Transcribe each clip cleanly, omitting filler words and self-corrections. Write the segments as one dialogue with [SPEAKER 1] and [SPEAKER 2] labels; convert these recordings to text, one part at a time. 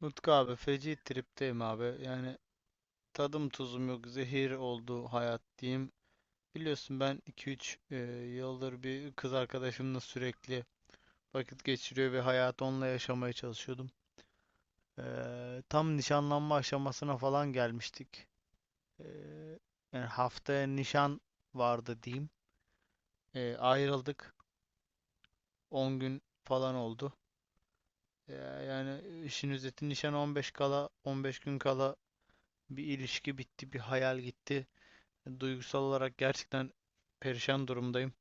[SPEAKER 1] Nutku abi feci tripteyim abi. Yani tadım tuzum yok. Zehir oldu hayat diyeyim. Biliyorsun ben 2-3 yıldır bir kız arkadaşımla sürekli vakit geçiriyor ve hayatı onunla yaşamaya çalışıyordum. Tam nişanlanma aşamasına falan gelmiştik. Eee, Yani haftaya nişan vardı diyeyim. Ayrıldık. 10 gün falan oldu. Eee, Yani işin özeti nişan 15 kala 15 gün kala bir ilişki bitti, bir hayal gitti. Duygusal olarak gerçekten perişan durumdayım.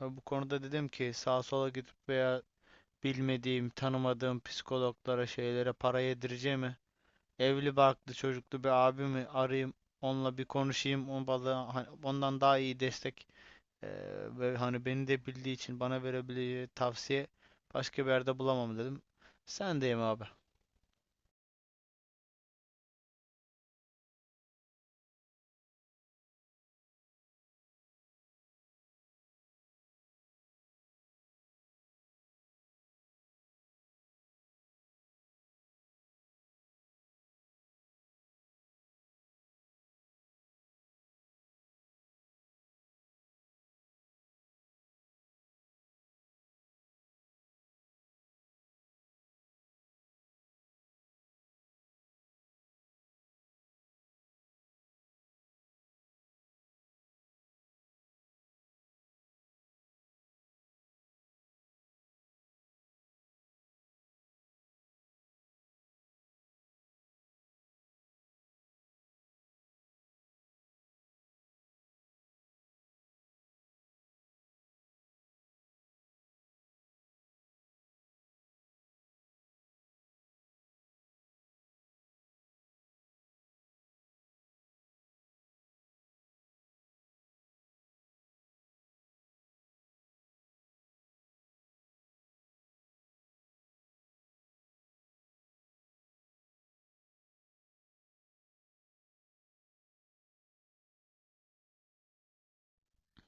[SPEAKER 1] Bu konuda dedim ki sağa sola gidip veya bilmediğim, tanımadığım psikologlara, şeylere para yedireceğime evli barklı çocuklu bir abimi arayayım, onunla bir konuşayım, o bana hani ondan daha iyi destek ve hani beni de bildiği için bana verebileceği tavsiye başka bir yerde bulamam dedim. Sendeyim abi.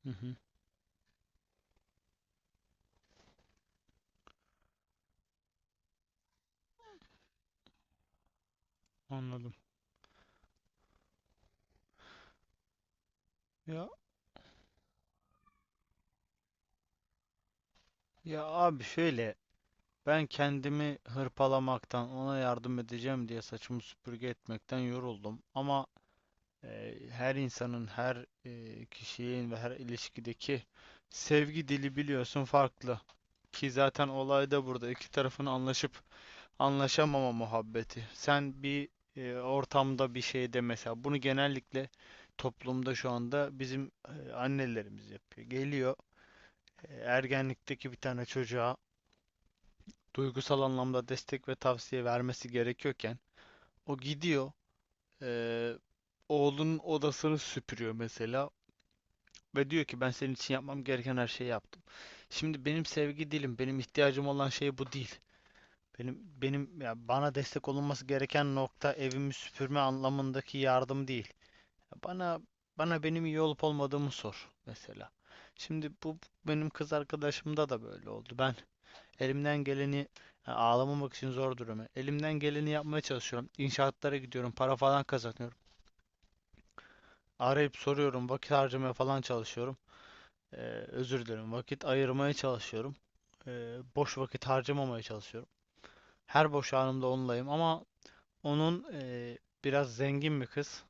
[SPEAKER 1] Hı hı, anladım. Ya ya abi şöyle, ben kendimi hırpalamaktan, ona yardım edeceğim diye saçımı süpürge etmekten yoruldum. Ama her insanın, her kişinin ve her ilişkideki sevgi dili biliyorsun farklı. Ki zaten olay da burada. İki tarafın anlaşıp anlaşamama muhabbeti. Sen bir ortamda bir şeyde mesela bunu genellikle toplumda şu anda bizim annelerimiz yapıyor. Geliyor ergenlikteki bir tane çocuğa duygusal anlamda destek ve tavsiye vermesi gerekiyorken o gidiyor eee, oğlunun odasını süpürüyor mesela ve diyor ki ben senin için yapmam gereken her şeyi yaptım. Şimdi benim sevgi dilim, benim ihtiyacım olan şey bu değil. Benim ya bana destek olunması gereken nokta evimi süpürme anlamındaki yardım değil. Bana bana benim iyi olup olmadığımı sor mesela. Şimdi bu benim kız arkadaşımda da böyle oldu. Ben elimden geleni, ha, ağlamamak için zor durumu. Elimden geleni yapmaya çalışıyorum. İnşaatlara gidiyorum. Para falan kazanıyorum. Arayıp soruyorum. Vakit harcamaya falan çalışıyorum. Ee, özür dilerim. Vakit ayırmaya çalışıyorum. Boş vakit harcamamaya çalışıyorum. Her boş anımda onunlayım ama onun biraz zengin bir kız.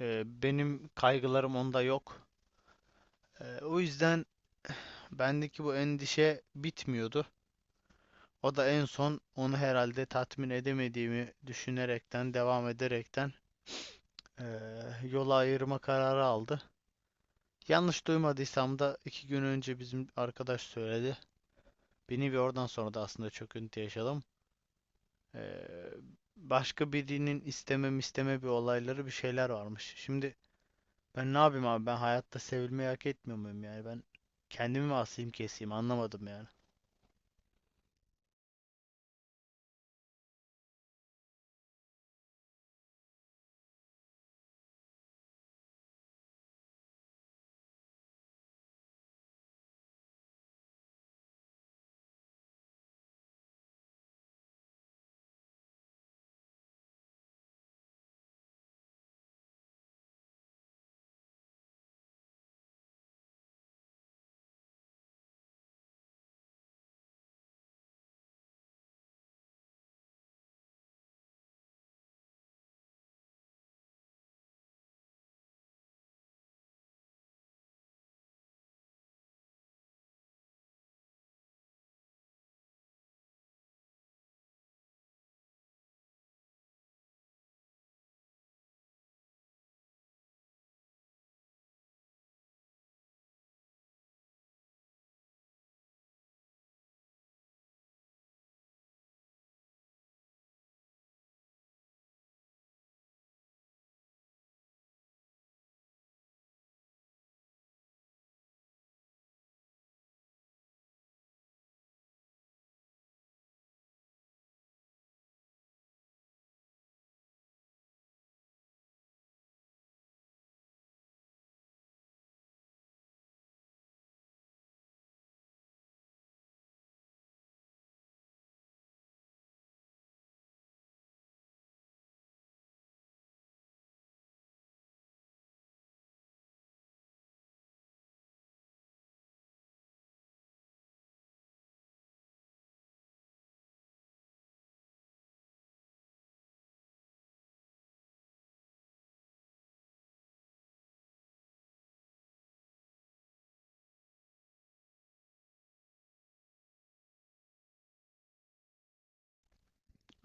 [SPEAKER 1] Benim kaygılarım onda yok. O yüzden bendeki bu endişe bitmiyordu. O da en son onu herhalde tatmin edemediğimi düşünerekten, devam ederekten yola ayırma kararı aldı. Yanlış duymadıysam da iki gün önce bizim arkadaş söyledi beni ve oradan sonra da aslında çöküntü yaşadım. Eee, Başka birinin istemem isteme bir olayları bir şeyler varmış. Şimdi ben ne yapayım abi, ben hayatta sevilmeyi hak etmiyor muyum yani, ben kendimi mi asayım keseyim anlamadım yani.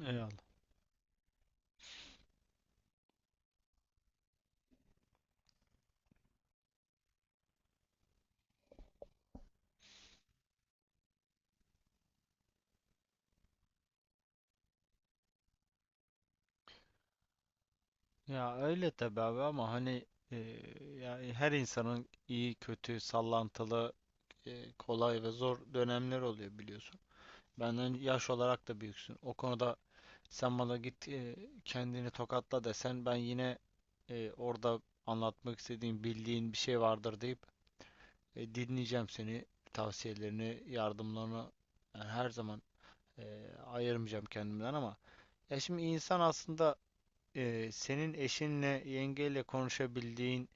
[SPEAKER 1] Eyvallah. Ya öyle tabii abi ama hani e, yani her insanın iyi, kötü, sallantılı, kolay ve zor dönemler oluyor biliyorsun. Benden yaş olarak da büyüksün. O konuda sen bana git kendini tokatla desen ben yine orada anlatmak istediğin, bildiğin bir şey vardır deyip dinleyeceğim seni, tavsiyelerini, yardımlarını. Yani her zaman e, ayırmayacağım kendimden ama ya şimdi insan aslında senin eşinle, yengeyle konuşabildiğin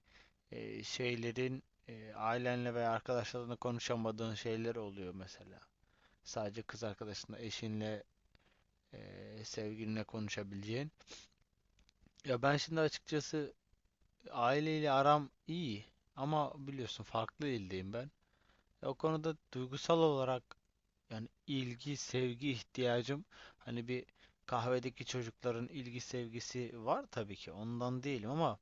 [SPEAKER 1] şeylerin ailenle veya arkadaşlarınla konuşamadığın şeyler oluyor mesela. Sadece kız arkadaşınla, eşinle, sevgilinle konuşabileceğin. Ya ben şimdi açıkçası aileyle aram iyi ama biliyorsun farklı ildeyim ben. O konuda duygusal olarak yani ilgi, sevgi ihtiyacım, hani bir kahvedeki çocukların ilgi sevgisi var tabii ki, ondan değilim ama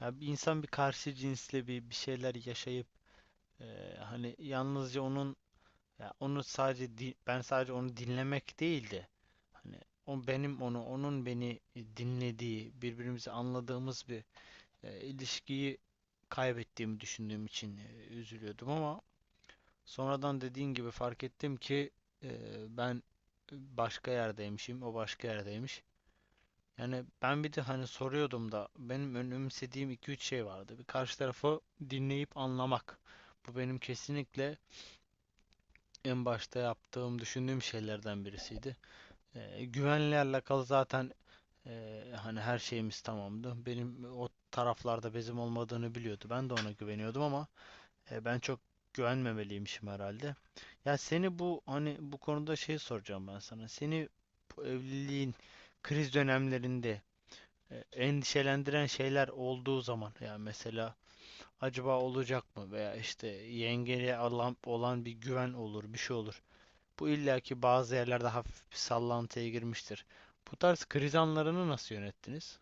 [SPEAKER 1] ya bir insan bir karşı cinsle bir şeyler yaşayıp hani yalnızca onun, ya onu sadece ben sadece onu dinlemek değildi. Hani o benim onu, onun beni dinlediği, birbirimizi anladığımız bir ilişkiyi kaybettiğimi düşündüğüm için üzülüyordum ama sonradan dediğin gibi fark ettim ki e, ben başka yerdeymişim, o başka yerdeymiş. Yani ben bir de hani soruyordum da benim önemsediğim iki üç şey vardı. Bir, karşı tarafı dinleyip anlamak. Bu benim kesinlikle en başta yaptığım, düşündüğüm şeylerden birisiydi. Güvenle alakalı zaten. Hani her şeyimiz tamamdı. Benim o taraflarda bezim olmadığını biliyordu. Ben de ona güveniyordum ama ben çok güvenmemeliymişim herhalde. Ya seni bu hani bu konuda şey soracağım ben sana. Seni bu evliliğin kriz dönemlerinde endişelendiren şeyler olduğu zaman yani mesela acaba olacak mı veya işte yengeye alan, olan bir güven olur, bir şey olur. Bu illaki bazı yerlerde hafif bir sallantıya girmiştir. Bu tarz kriz anlarını nasıl yönettiniz?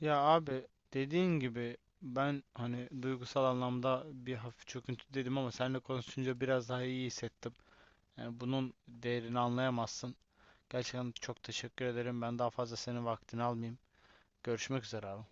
[SPEAKER 1] Ya abi dediğin gibi ben hani duygusal anlamda bir hafif çöküntü dedim ama seninle konuşunca biraz daha iyi hissettim. Yani bunun değerini anlayamazsın. Gerçekten çok teşekkür ederim. Ben daha fazla senin vaktini almayayım. Görüşmek üzere abi.